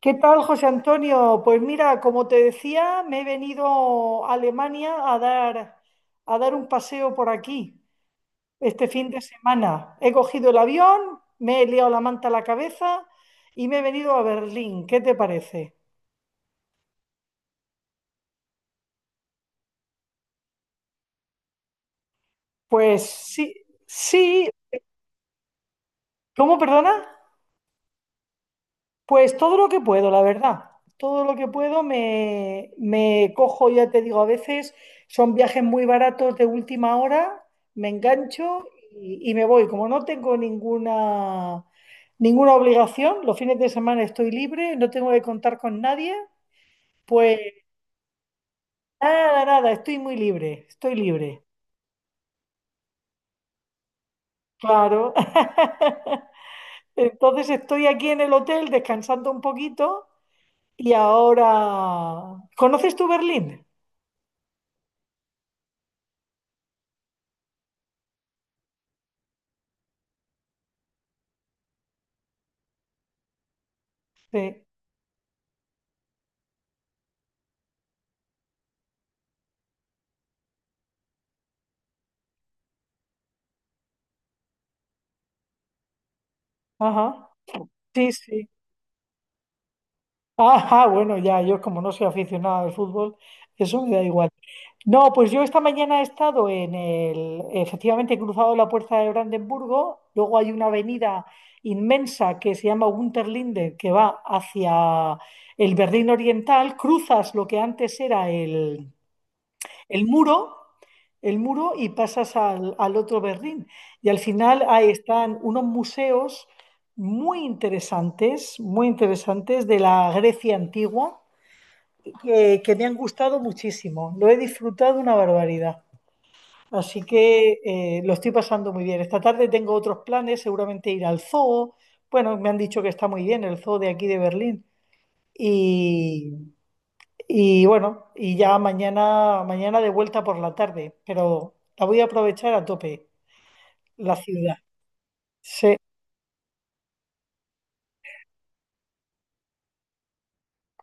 ¿Qué tal, José Antonio? Pues mira, como te decía, me he venido a Alemania a dar, un paseo por aquí este fin de semana. He cogido el avión, me he liado la manta a la cabeza y me he venido a Berlín. ¿Qué te parece? Pues sí, sí, ¿cómo, perdona? Pues todo lo que puedo, la verdad. Todo lo que puedo, me cojo, ya te digo, a veces son viajes muy baratos de última hora, me engancho y me voy. Como no tengo ninguna, ninguna obligación, los fines de semana estoy libre, no tengo que contar con nadie, pues nada, nada, estoy muy libre, estoy libre. Claro. Entonces estoy aquí en el hotel descansando un poquito y ahora, ¿conoces tú Berlín? Sí. Ajá, sí, sí. Ajá, bueno, ya, yo como no soy aficionado al fútbol, eso me da igual. No, pues yo esta mañana he estado efectivamente he cruzado la puerta de Brandenburgo. Luego hay una avenida inmensa que se llama Unterlinde, que va hacia el Berlín Oriental. Cruzas lo que antes era el muro, el muro, y pasas al otro Berlín. Y al final ahí están unos museos muy interesantes, muy interesantes, de la Grecia antigua, que me han gustado muchísimo. Lo he disfrutado una barbaridad. Así que lo estoy pasando muy bien. Esta tarde tengo otros planes, seguramente ir al zoo. Bueno, me han dicho que está muy bien el zoo de aquí de Berlín. Y, y bueno, y ya mañana, mañana de vuelta por la tarde, pero la voy a aprovechar a tope, la ciudad. Sí.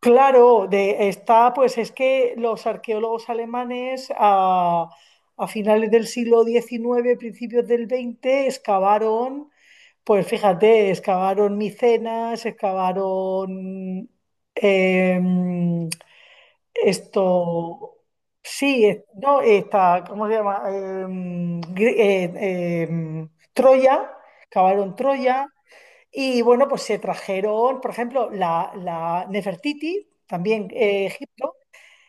Claro, pues es que los arqueólogos alemanes a finales del siglo XIX, principios del XX, excavaron, pues fíjate, excavaron Micenas, excavaron em, Esto, sí, no, está, ¿cómo se llama? Troya, cavaron Troya, y bueno, pues se trajeron, por ejemplo, la Nefertiti, también Egipto,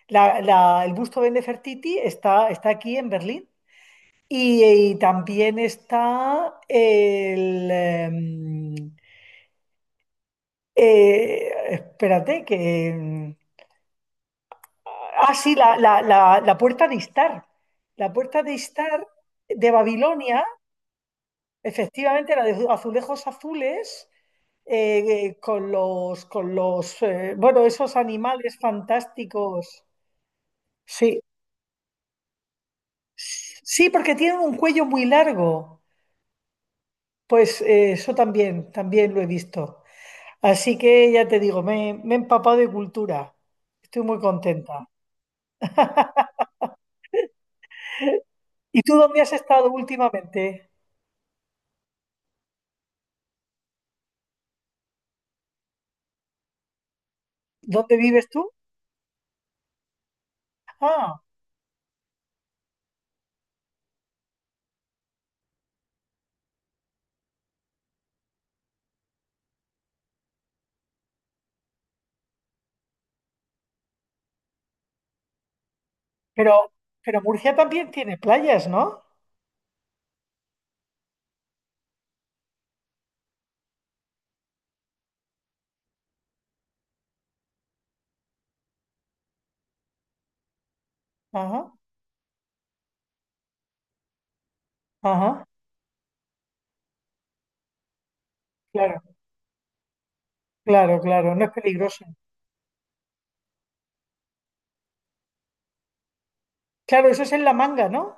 el busto de Nefertiti está aquí en Berlín, y también está espérate, que... Ah, sí, la puerta de Istar. La puerta de Istar de Babilonia, efectivamente, la de azulejos azules, con los, bueno, esos animales fantásticos. Sí, sí, porque tienen un cuello muy largo. Pues eso también, también lo he visto. Así que ya te digo, me he empapado de cultura. Estoy muy contenta. ¿Y tú dónde has estado últimamente? ¿Dónde vives tú? Ah. Pero, pero Murcia también tiene playas, ¿no? Ajá, ajá, claro, claro, claro, no es peligroso. Claro, eso es en La Manga, ¿no?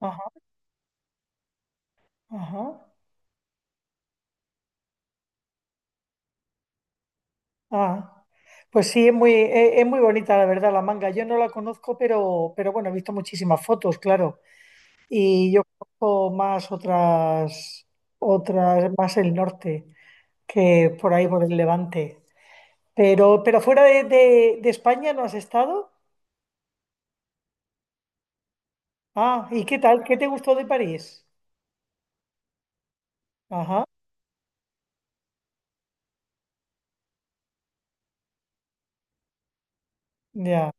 Ajá, ajá, ah. Pues sí, es muy bonita, la verdad, La Manga. Yo no la conozco, pero bueno, he visto muchísimas fotos, claro. Y yo conozco más otras, más el norte, que por ahí, por el Levante. Pero fuera de España no has estado. Ah, ¿y qué tal? ¿Qué te gustó de París? Ajá. Ya,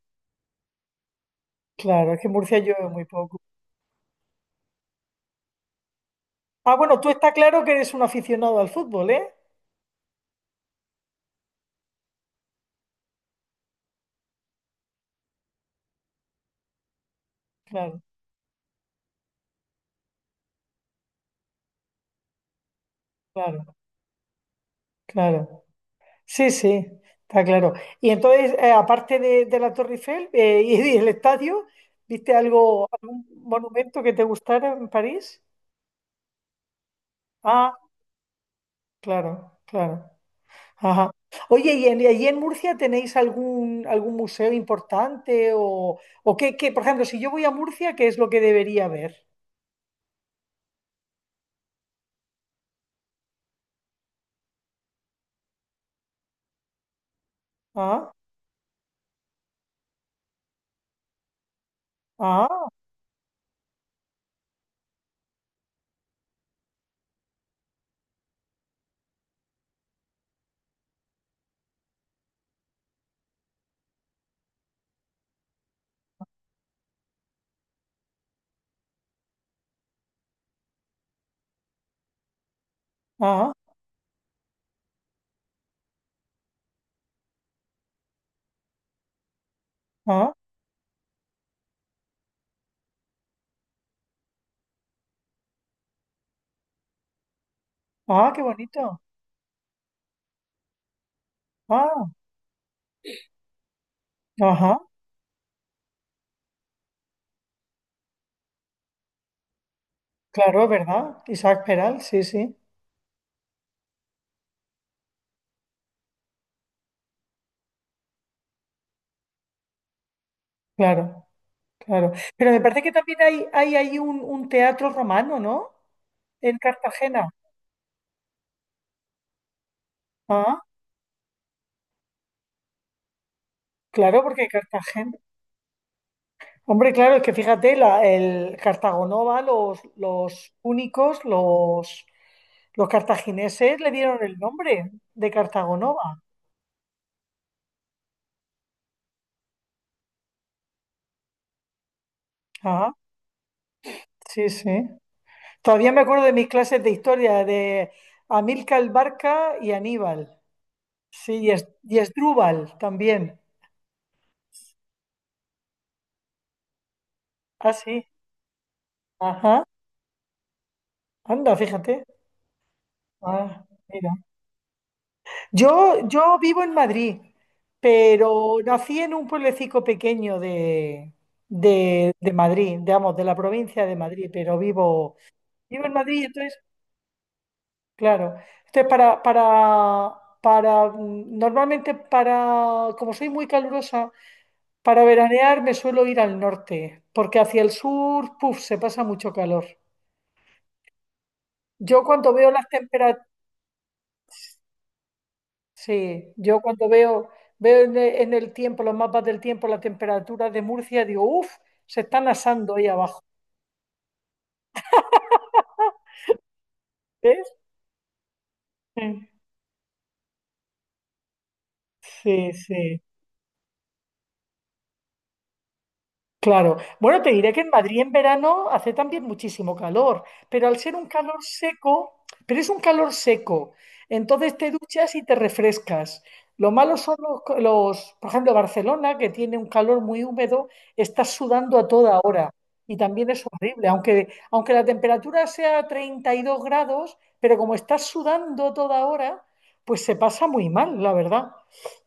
claro, es que en Murcia llueve muy poco. Ah, bueno, tú está claro que eres un aficionado al fútbol, ¿eh? Claro, claro, claro. Sí, sí, está claro. Y entonces, aparte de la Torre Eiffel, y y el estadio, ¿viste algo, algún monumento que te gustara en París? Ah, claro, claro. Ajá. Oye, ¿y allí en Murcia tenéis algún, museo importante o qué? Por ejemplo, si yo voy a Murcia, ¿qué es lo que debería ver? Ah, ah, ah, ah. Ah, qué bonito. Ah, ajá, claro, ¿verdad? Isaac Peral, sí, sí, claro, claro. Pero me parece que también hay ahí un teatro romano, ¿no? En Cartagena. Ah, claro, porque Cartagena. Hombre, claro, es que fíjate, el Cartagonova, los púnicos, los cartagineses le dieron el nombre de Cartagonova. Ah, sí, sí. Todavía me acuerdo de mis clases de historia de Amílcar Barca y Aníbal. Sí, y Esdrúbal también. Ah, sí. Ajá. Anda, fíjate. Ah, mira. Yo vivo en Madrid, pero nací en un pueblecico pequeño de, de Madrid, digamos, de la provincia de Madrid, pero vivo, en Madrid, entonces, claro. Entonces, normalmente, para, como soy muy calurosa, para veranear me suelo ir al norte, porque hacia el sur, puf, se pasa mucho calor. Yo cuando veo las temperaturas, sí, yo cuando veo en el tiempo, los mapas del tiempo, la temperatura de Murcia, digo, uff, se están asando ahí abajo. ¿Ves? Sí, sí. Claro. Bueno, te diré que en Madrid en verano hace también muchísimo calor, pero al ser un calor seco, pero es un calor seco, entonces te duchas y te refrescas. Lo malo son por ejemplo, Barcelona, que tiene un calor muy húmedo, estás sudando a toda hora y también es horrible, aunque la temperatura sea 32 grados, pero como estás sudando toda hora, pues se pasa muy mal, la verdad.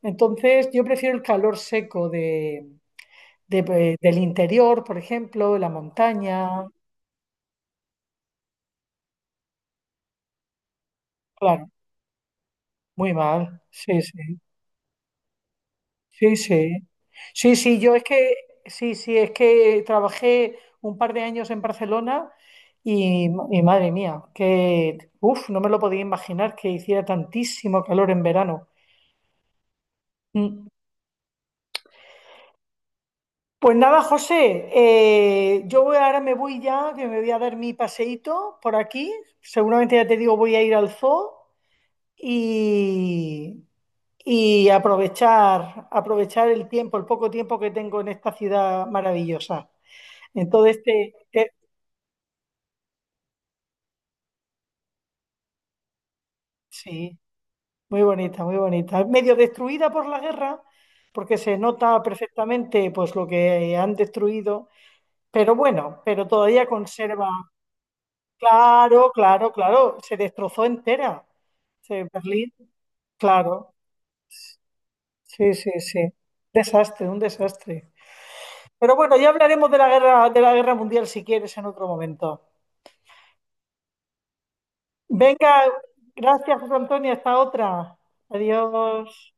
Entonces, yo prefiero el calor seco del interior, por ejemplo, de la montaña. Claro, muy mal. Sí, sí, sí, sí. Sí, sí, yo es que, sí, sí, es que trabajé un par de años en Barcelona y madre mía, que, uff, no me lo podía imaginar que hiciera tantísimo calor en verano. Mm. Pues nada, José, ahora me voy ya, que me voy a dar mi paseíto por aquí. Seguramente ya te digo, voy a ir al zoo y y aprovechar, el tiempo, el poco tiempo que tengo en esta ciudad maravillosa. Entonces, sí, muy bonita, muy bonita. Medio destruida por la guerra, porque se nota perfectamente pues lo que han destruido, pero bueno, pero todavía conserva. Claro, claro, claro, se destrozó entera. Sí, Berlín, claro. Sí, sí, sí. Desastre, un desastre. Pero bueno, ya hablaremos de la guerra mundial, si quieres, en otro momento. Venga, gracias, José Antonio. Hasta otra. Adiós.